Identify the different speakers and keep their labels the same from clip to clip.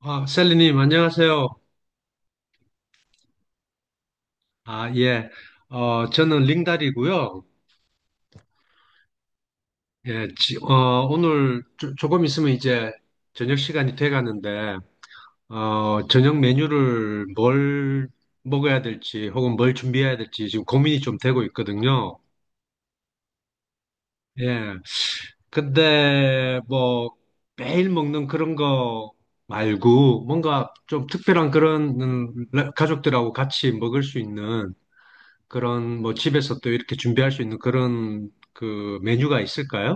Speaker 1: 아, 셀리님, 안녕하세요. 아, 예. 저는 링달이고요. 예, 오늘 조, 금 있으면 이제 저녁 시간이 돼 가는데, 저녁 메뉴를 뭘 먹어야 될지 혹은 뭘 준비해야 될지 지금 고민이 좀 되고 있거든요. 예. 근데 뭐 매일 먹는 그런 거 말고 뭔가 좀 특별한 그런 가족들하고 같이 먹을 수 있는 그런 뭐 집에서 또 이렇게 준비할 수 있는 그런 그 메뉴가 있을까요?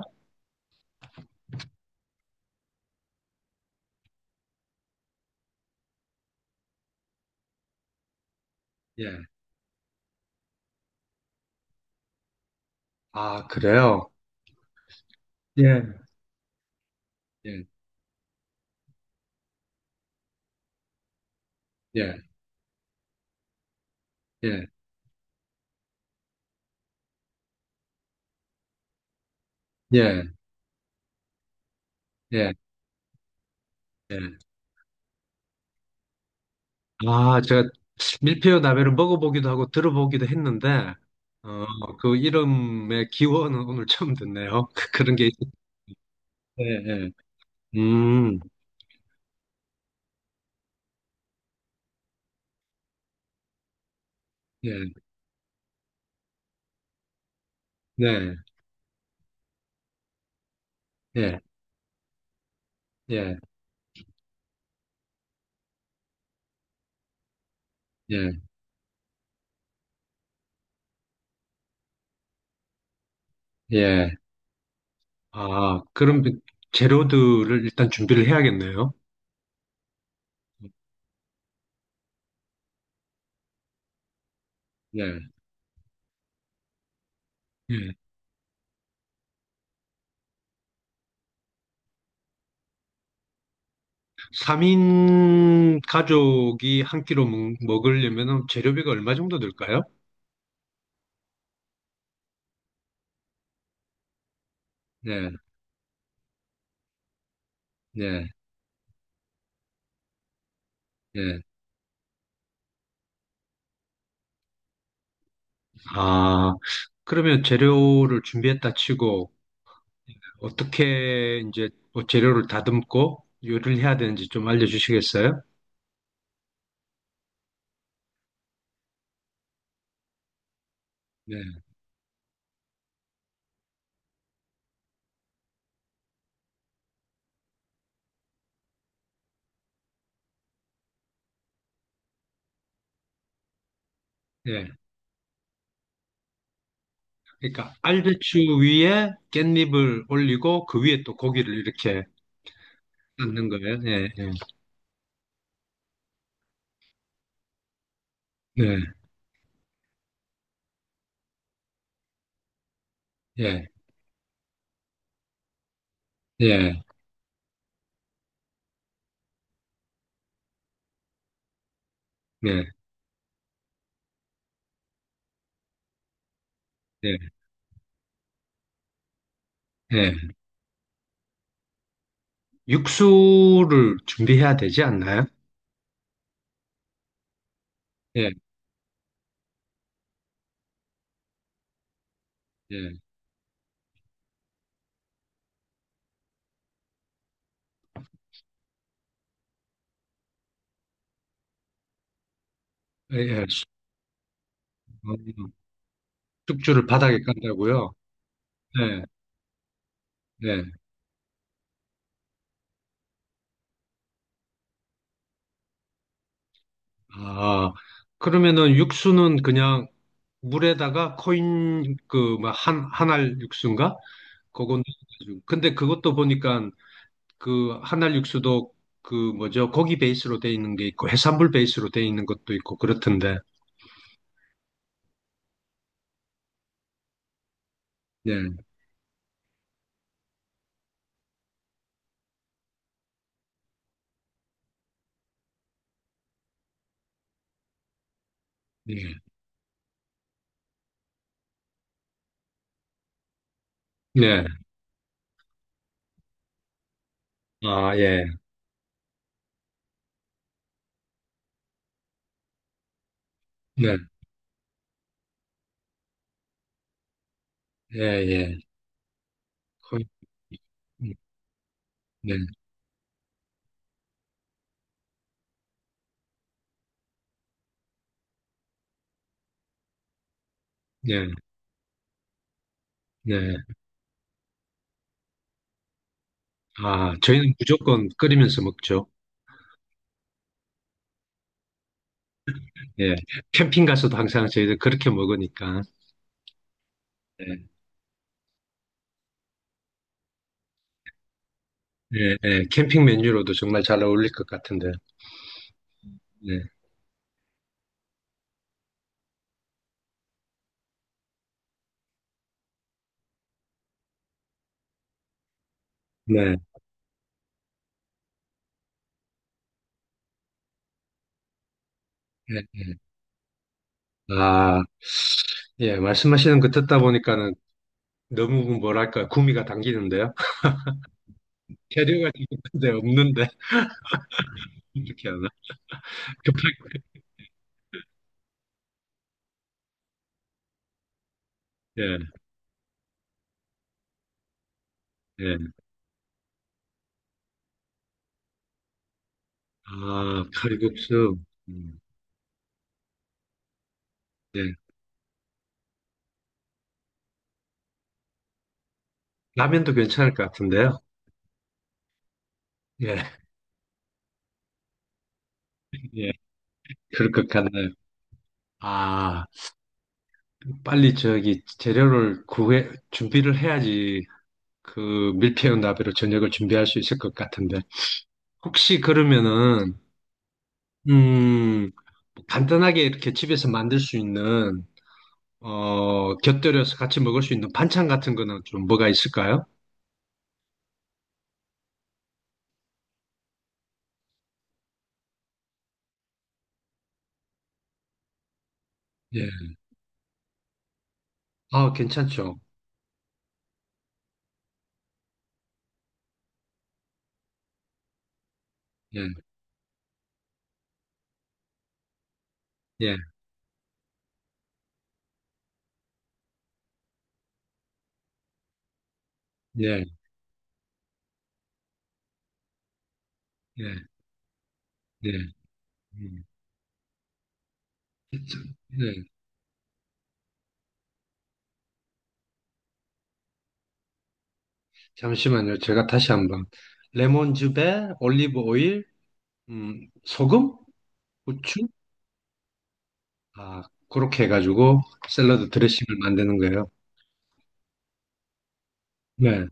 Speaker 1: 예. 아, 그래요? 예. 예. 예. 예. 예. 예. 예. 아, 제가 밀푀유 나베를 먹어보기도 하고 들어보기도 했는데 어, 그 이름의 기원은 오늘 처음 듣네요. 그런 게 있... 예, 예. 음. 예. 네. 예. 예. 예. 예. 아, 그럼 그 재료들을 일단 준비를 해야겠네요. 예. 예. 3인 가족이 한 끼로 먹으려면 재료비가 얼마 정도 들까요? 네, 네, 네. 아, 그러면 재료를 준비했다 치고, 어떻게 이제 뭐 재료를 다듬고 요리를 해야 되는지 좀 알려주시겠어요? 네, 네. 그러니까 알배추 위에 깻잎을 올리고 그 위에 또 고기를 이렇게 넣는 거예요. 네, 네, 네, 네, 네, 네, 네. 네. 육수를 준비해야 되지 않나요? 예, 예, 예. 어, 숙주를 바닥에 깐다고요? 네, 네. 아, 그러면은 육수는 그냥 물에다가 코인 그 뭐 한 한알 육수인가? 그건 근데 그것도 보니까 그 한알 육수도 그 뭐죠? 고기 베이스로 돼 있는 게 있고 해산물 베이스로 돼 있는 것도 있고 그렇던데. 예, 예, 네. 아, 예, 네, 예, 예. 코인, 네, 네, 네. 아, 저희는 무조건 끓이면서 먹죠. 예. 캠핑 가서도 항상 저희들 그렇게 먹으니까. 예. 예, 예. 캠핑 메뉴로도 정말 잘 어울릴 것 같은데. 네. 네. 예, 예. 아, 예. 말씀하시는 거 듣다 보니까는 너무 뭐랄까, 구미가 당기는데요. 재료가 있는데 없는데. 이렇게 하나? 급하게. 예, 예. 아, 칼국수. 음, 예. 라면도 괜찮을 것 같은데요. 예, 예. 그럴 것 같네요. 아. 빨리 저기 재료를 구해 준비를 해야지 그 밀푀유 나베로 저녁을 준비할 수 있을 것 같은데 혹시 그러면은 음 간단하게 이렇게 집에서 만들 수 있는 곁들여서 같이 먹을 수 있는 반찬 같은 거는 좀 뭐가 있을까요? 예. 아, 괜찮죠. 예. 예. 예. 예. 예. 음, 예. 잠시만요. 제가 다시 한번 레몬즙에 올리브 오일, 소금, 후추 아, 그렇게 해가지고 샐러드 드레싱을 만드는 거예요. 네,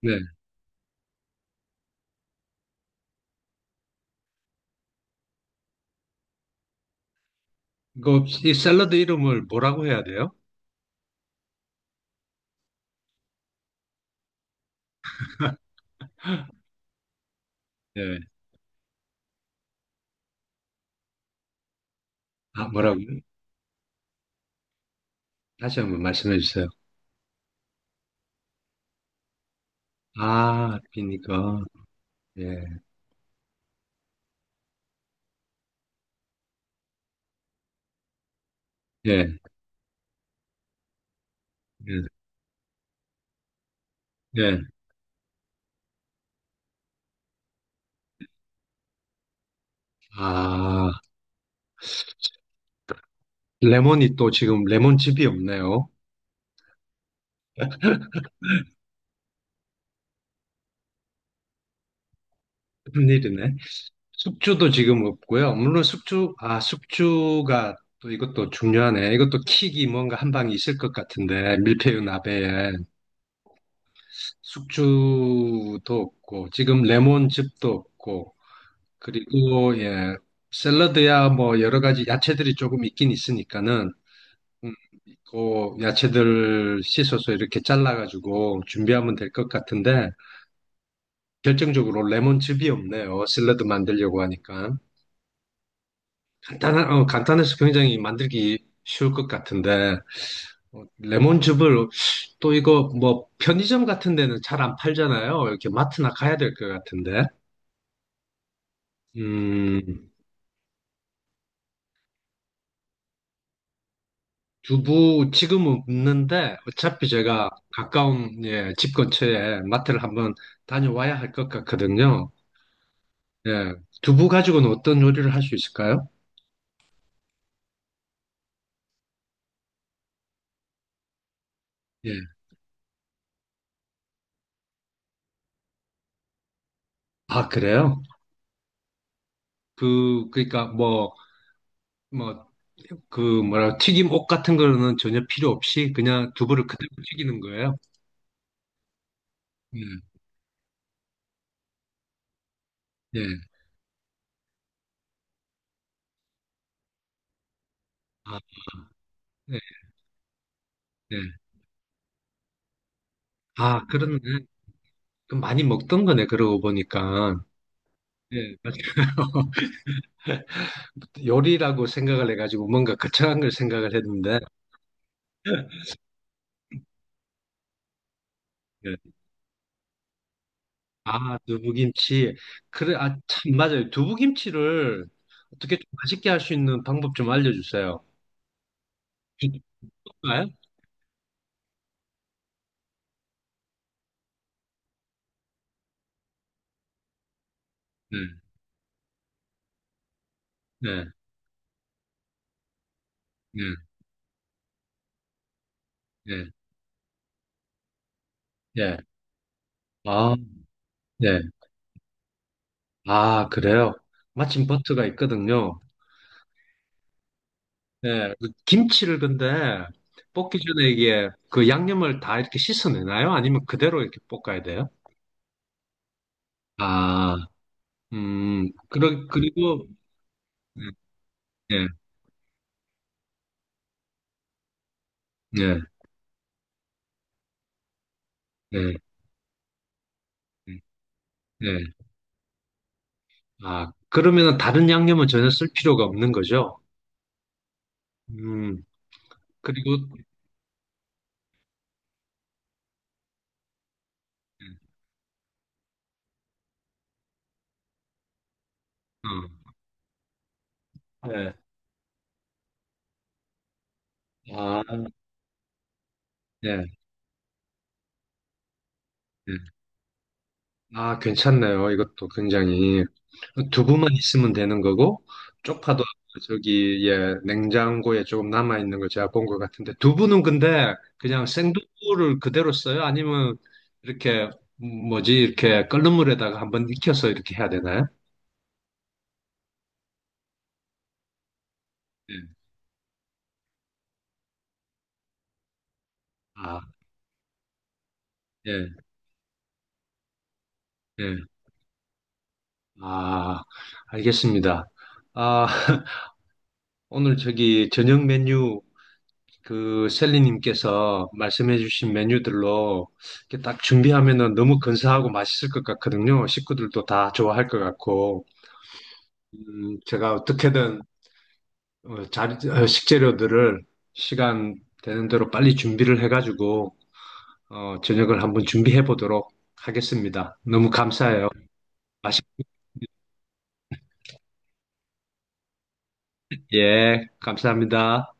Speaker 1: 네. 이거 이 샐러드 이름을 뭐라고 해야 돼요? 예. 아, 뭐라고 다시 한번 말씀해 주세요. 아, 비니까. 예, 예, 예, 예. 아, 레몬이 또 지금 레몬즙이 없네요. 큰일이네. 숙주도 지금 없고요. 물론 숙주가 또 이것도 중요하네. 이것도 킥이 뭔가 한 방이 있을 것 같은데, 밀푀유 나베에. 숙주도 없고 지금 레몬즙도 없고 그리고 예 샐러드야 뭐 여러 가지 야채들이 조금 있긴 있으니까는 음, 그 야채들 씻어서 이렇게 잘라가지고 준비하면 될 것 같은데 결정적으로 레몬즙이 없네요 샐러드 만들려고 하니까 간단해서 굉장히 만들기 쉬울 것 같은데 레몬즙을 또 이거 뭐 편의점 같은 데는 잘 안 팔잖아요 이렇게 마트나 가야 될 것 같은데 음. 두부 지금은 없는데 어차피 제가 가까운 예, 집 근처에 마트를 한번 다녀와야 할 것 같거든요. 예, 두부 가지고는 어떤 요리를 할 수 있을까요? 예. 아, 그래요? 그러니까 뭐 그 뭐라 튀김 옷 같은 거는 전혀 필요 없이 그냥 두부를 그대로 튀기는 거예요. 예. 예. 아, 예, 예. 아, 그렇네. 그럼 많이 먹던 거네, 그러고 보니까. 예, 맞아요. 요리라고 생각을 해가지고 뭔가 거창한 걸 생각을 했는데 예. 아 두부김치 그래 아 참 맞아요 두부김치를 어떻게 좀 맛있게 할 수 있는 방법 좀 알려주세요. 볼까요? 네, 네, 네, 네, 예. 아, 네. 아, 그래요? 마침 버터가 있거든요. 네, 그 김치를 근데 볶기 전에 이게 그 양념을 다 이렇게 씻어내나요? 아니면 그대로 이렇게 볶아야 돼요? 아, 그리고, 예. 예, 예, 예, 예. 예. 아, 그러면은 다른 양념은 전혀 쓸 필요가 없는 거죠? 음, 그리고, 어, 예, 아, 예, 예. 아, 괜찮네요. 이것도 굉장히. 두부만 있으면 되는 거고, 쪽파도 저기, 예, 냉장고에 조금 남아있는 거 제가 본 것 같은데, 두부는 근데 그냥 생두부를 그대로 써요? 아니면 이렇게, 뭐지, 이렇게 끓는 물에다가 한번 익혀서 이렇게 해야 되나요? 예. 아, 예, 예. 아, 알겠습니다. 아, 오늘 저기 저녁 메뉴 그 셀리님께서 말씀해주신 메뉴들로 이렇게 딱 준비하면은 너무 근사하고 맛있을 것 같거든요. 식구들도 다 좋아할 것 같고, 제가 어떻게든 식재료들을 시간 되는 대로 빨리 준비를 해가지고 저녁을 한번 준비해 보도록 하겠습니다. 너무 감사해요. 맛있, 예, 감사합니다.